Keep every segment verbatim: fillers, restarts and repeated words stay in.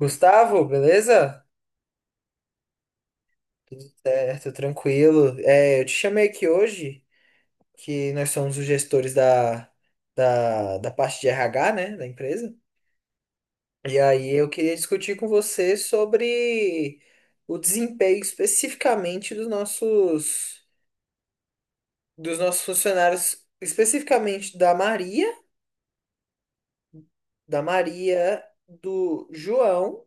Gustavo, beleza? Tudo certo, tranquilo. É, eu te chamei aqui hoje, que nós somos os gestores da, da, da parte de R H, né, da empresa. E aí eu queria discutir com você sobre o desempenho especificamente dos nossos, dos nossos funcionários, especificamente da Maria, da Maria, do João.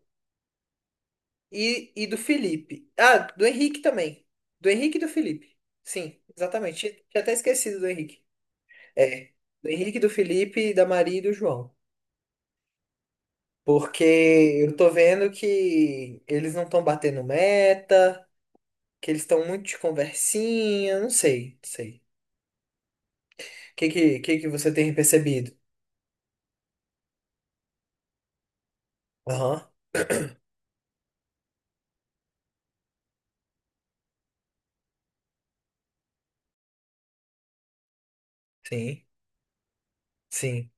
E, e do Felipe. Ah, do Henrique também. Do Henrique e do Felipe. Sim, exatamente. Tinha tinha até esquecido do Henrique. É. Do Henrique, do Felipe, da Maria e do João. Porque eu tô vendo que eles não estão batendo meta, que eles estão muito de conversinha, não sei, não sei. O que, que, que que você tem percebido? Aham, sim, sim,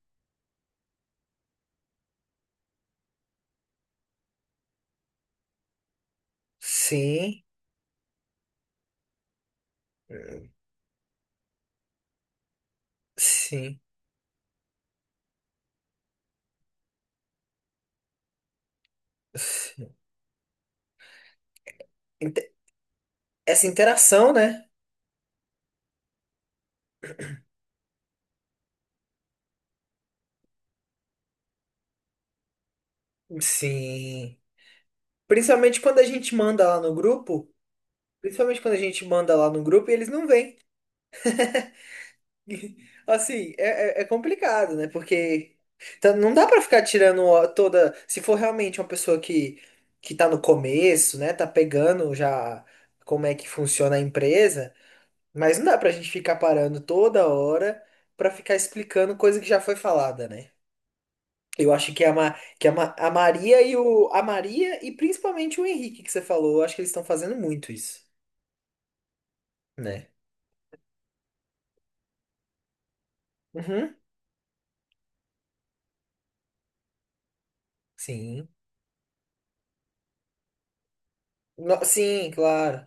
sim, sim, sim. Inte- Essa interação, né? Sim. Principalmente quando a gente manda lá no grupo, principalmente quando a gente manda lá no grupo e eles não vêm. Assim, é, é- é complicado, né? Porque tá- não dá pra ficar tirando ó, toda. Se for realmente uma pessoa que, que tá no começo, né? Tá pegando já como é que funciona a empresa, mas não dá pra gente ficar parando toda hora pra ficar explicando coisa que já foi falada, né? Eu acho que é a, Ma, que é a, Ma- a Maria e o. A Maria e principalmente o Henrique que você falou, eu acho que eles estão fazendo muito isso, né? Uhum. Sim. No- sim, claro.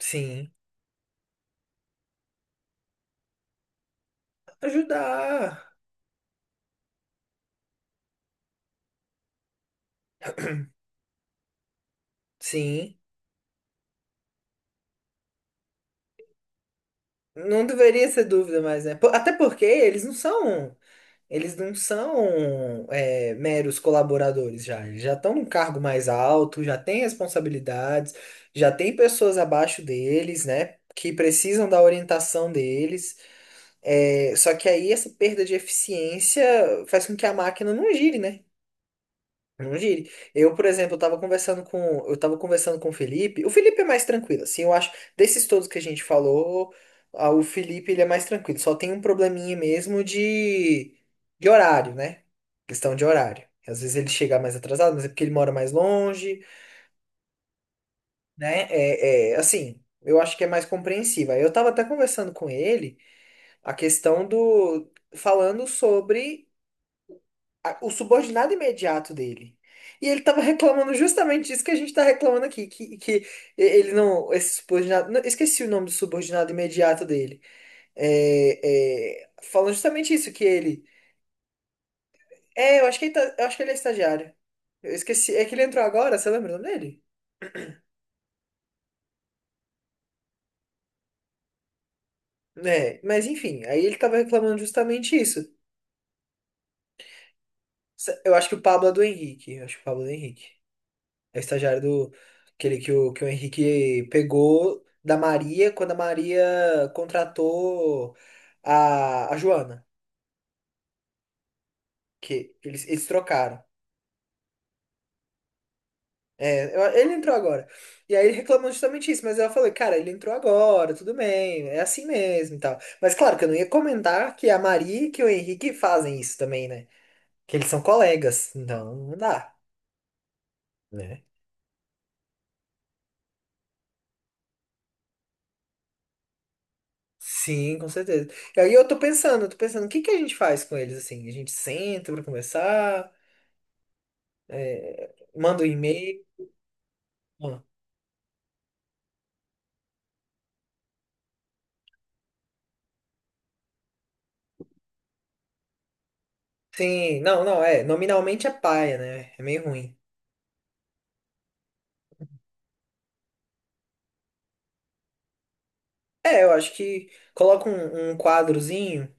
Sim. Ajudar. Sim. Não deveria ser dúvida mais, né? Po- Até porque eles não são, eles não são é, meros colaboradores já. Eles já estão num cargo mais alto, já têm responsabilidades, já tem pessoas abaixo deles, né? Que precisam da orientação deles. É, só que aí essa perda de eficiência faz com que a máquina não gire, né? Não gire. Eu, por exemplo, eu tava conversando com, eu tava conversando com o Felipe. O Felipe é mais tranquilo, assim, eu acho, desses todos que a gente falou, ah, o Felipe ele é mais tranquilo. Só tem um probleminha mesmo de, de horário, né? Questão de horário. Às vezes ele chega mais atrasado, mas é porque ele mora mais longe, né? É, é, assim, eu acho que é mais compreensível. Eu tava até conversando com ele a questão do, falando sobre a- o subordinado imediato dele. E ele estava reclamando justamente disso que a gente está reclamando aqui, que, que ele não, esse subordinado, não, esqueci o nome do subordinado imediato dele. É, é, falando justamente isso, que ele, é, eu acho que ele tá- eu acho que ele é estagiário. Eu esqueci, é que ele entrou agora, você lembra o nome dele? Né, mas enfim, aí ele estava reclamando justamente isso. Eu acho que o Pablo é do Henrique, eu acho que o Pablo é do Henrique. É o estagiário do aquele que o, que o Henrique pegou da Maria quando a Maria contratou a, a Joana, que eles, eles trocaram. É, eu- ele entrou agora. E aí ele reclamou justamente isso, mas eu falei, cara, ele entrou agora, tudo bem, é assim mesmo e tal. Mas claro que eu não ia comentar que a Maria e que o Henrique fazem isso também, né? Que eles são colegas, então não dá, né? Sim, com certeza. E aí eu tô pensando, eu tô pensando, o que que a gente faz com eles assim? A gente senta pra conversar? É, manda um e-mail. Ah, sim, não, não, é. Nominalmente é paia, né? É meio ruim. É, eu acho que coloca um, um quadrozinho.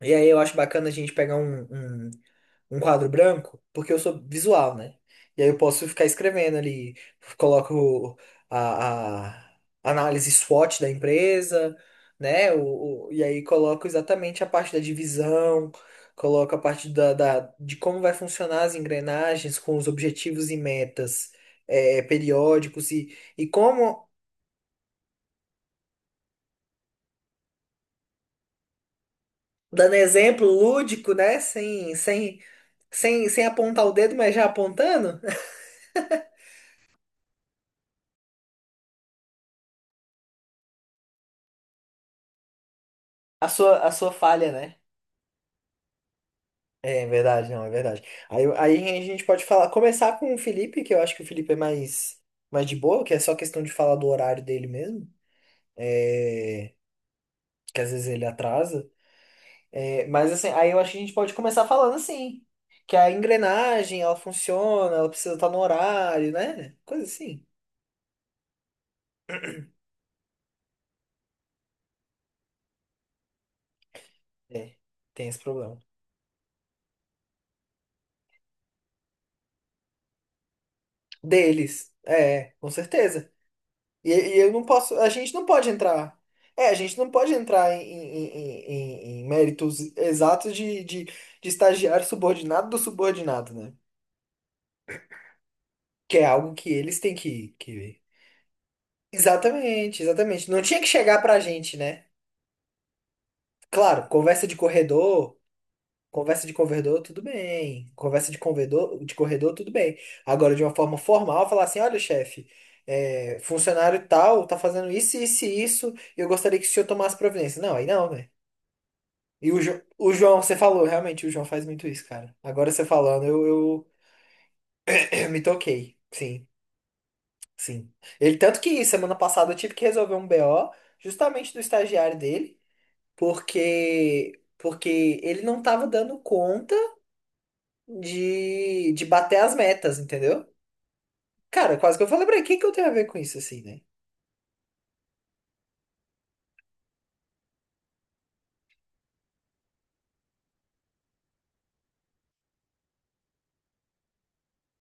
E aí eu acho bacana a gente pegar um, um, um quadro branco, porque eu sou visual, né? E aí eu posso ficar escrevendo ali, coloco a, a análise SWOT da empresa, né? O, o- e aí coloco exatamente a parte da divisão, coloco a parte da, da- de como vai funcionar as engrenagens com os objetivos e metas eh, periódicos e, e como, dando exemplo lúdico, né? Sem, sem, sem, sem apontar o dedo, mas já apontando. A sua, a sua falha, né? É verdade, não, é verdade. Aí, aí a gente pode falar, começar com o Felipe, que eu acho que o Felipe é mais, mais de boa, que é só questão de falar do horário dele mesmo, é, que às vezes ele atrasa. É, mas assim, aí eu acho que a gente pode começar falando assim, que a engrenagem, ela funciona, ela precisa estar no horário, né? Coisa assim. É, tem esse problema. Deles, é, com certeza. E, e eu não posso. A gente não pode entrar. É, a gente não pode entrar em, em- em- em- em méritos exatos de, de, de estagiário subordinado do subordinado, né? Que é algo que eles têm que, que ver. Exatamente, exatamente. Não tinha que chegar pra gente, né? Claro, conversa de corredor, conversa de corredor, tudo bem. Conversa de corredor, de corredor, tudo bem. Agora, de uma forma formal, falar assim: olha, chefe, é, funcionário tal tá fazendo isso, isso e isso, e eu gostaria que o senhor tomasse providência. Não, aí não, né? E o, Jo- o João, você falou, realmente, o João faz muito isso, cara. Agora você falando, eu, eu eu me toquei. Sim, sim. Ele, tanto que semana passada eu tive que resolver um B O justamente do estagiário dele, porque, porque ele não tava dando conta de, de bater as metas, entendeu? Cara, quase que eu falei pra ele, o que que eu tenho a ver com isso, assim, né?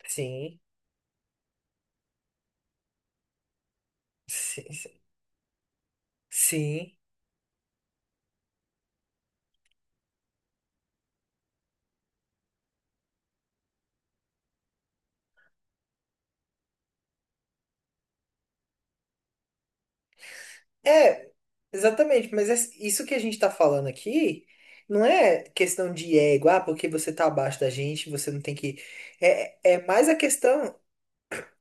Sim, sim, sim. É, exatamente, mas é isso que a gente tá falando aqui não é questão de ego, ah, porque você tá abaixo da gente, você não tem que. É, é é mais a questão.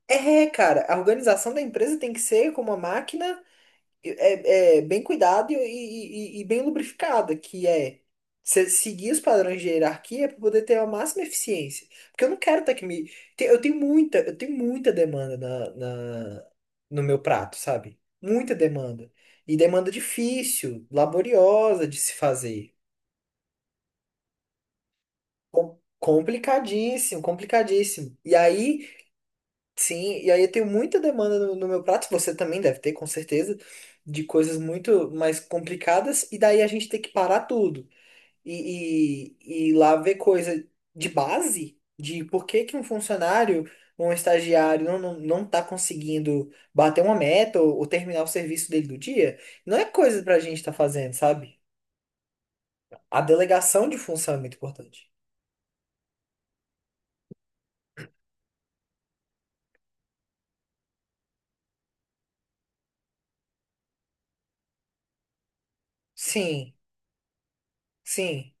É, cara, a organização da empresa tem que ser como uma máquina é, é bem cuidado e, e- e- e bem lubrificada, que é se- seguir os padrões de hierarquia para poder ter a máxima eficiência. Porque eu não quero ter que me. te- Eu tenho muita, eu tenho muita demanda na, na- no meu prato, sabe? Muita demanda. E demanda difícil, laboriosa de se fazer. Com- Complicadíssimo, complicadíssimo. E aí sim, e aí eu tenho muita demanda no, no meu prato, você também deve ter, com certeza, de coisas muito mais complicadas, e daí a gente tem que parar tudo e, e, e lá ver coisa de base, de por que que um funcionário, um estagiário não, não, não tá conseguindo bater uma meta ou, ou terminar o serviço dele do dia, não é coisa pra gente estar fazendo, sabe? A delegação de função é muito importante. Sim, sim,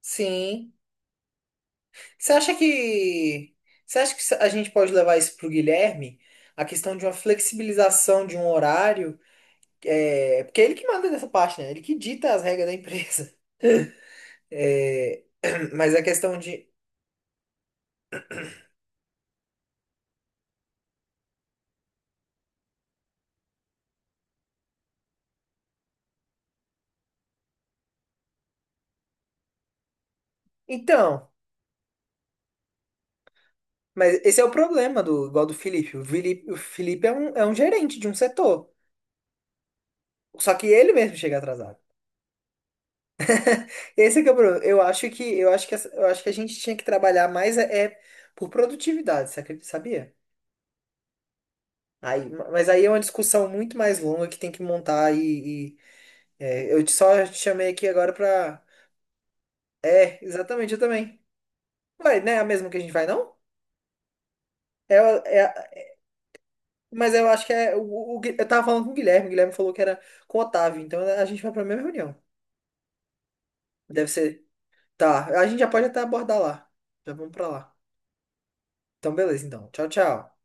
sim. Você acha que você acha que a gente pode levar isso para o Guilherme? A questão de uma flexibilização de um horário, é, porque é ele que manda nessa parte, né? Ele que dita as regras da empresa. É, mas a questão de. Então, mas esse é o problema do igual do Felipe. O Felipe, o Felipe é um, é um gerente de um setor. Só que ele mesmo chega atrasado. Esse é que é o problema. Eu acho que eu acho que essa- eu acho que a gente tinha que trabalhar mais é, é por produtividade, você acredita- sabia? Aí, mas aí é uma discussão muito mais longa que tem que montar e, e, é, eu te- só te chamei aqui agora pra. É, exatamente, eu também. Ué, não é a mesma que a gente vai, não? É, a- é, a- mas eu acho que é. O, o- o Gui- eu tava falando com o Guilherme, o Guilherme falou que era com o Otávio, então a gente vai pra mesma reunião. Deve ser. Tá, a gente já pode até abordar lá. Já vamos pra lá. Então, beleza, então. Tchau, tchau.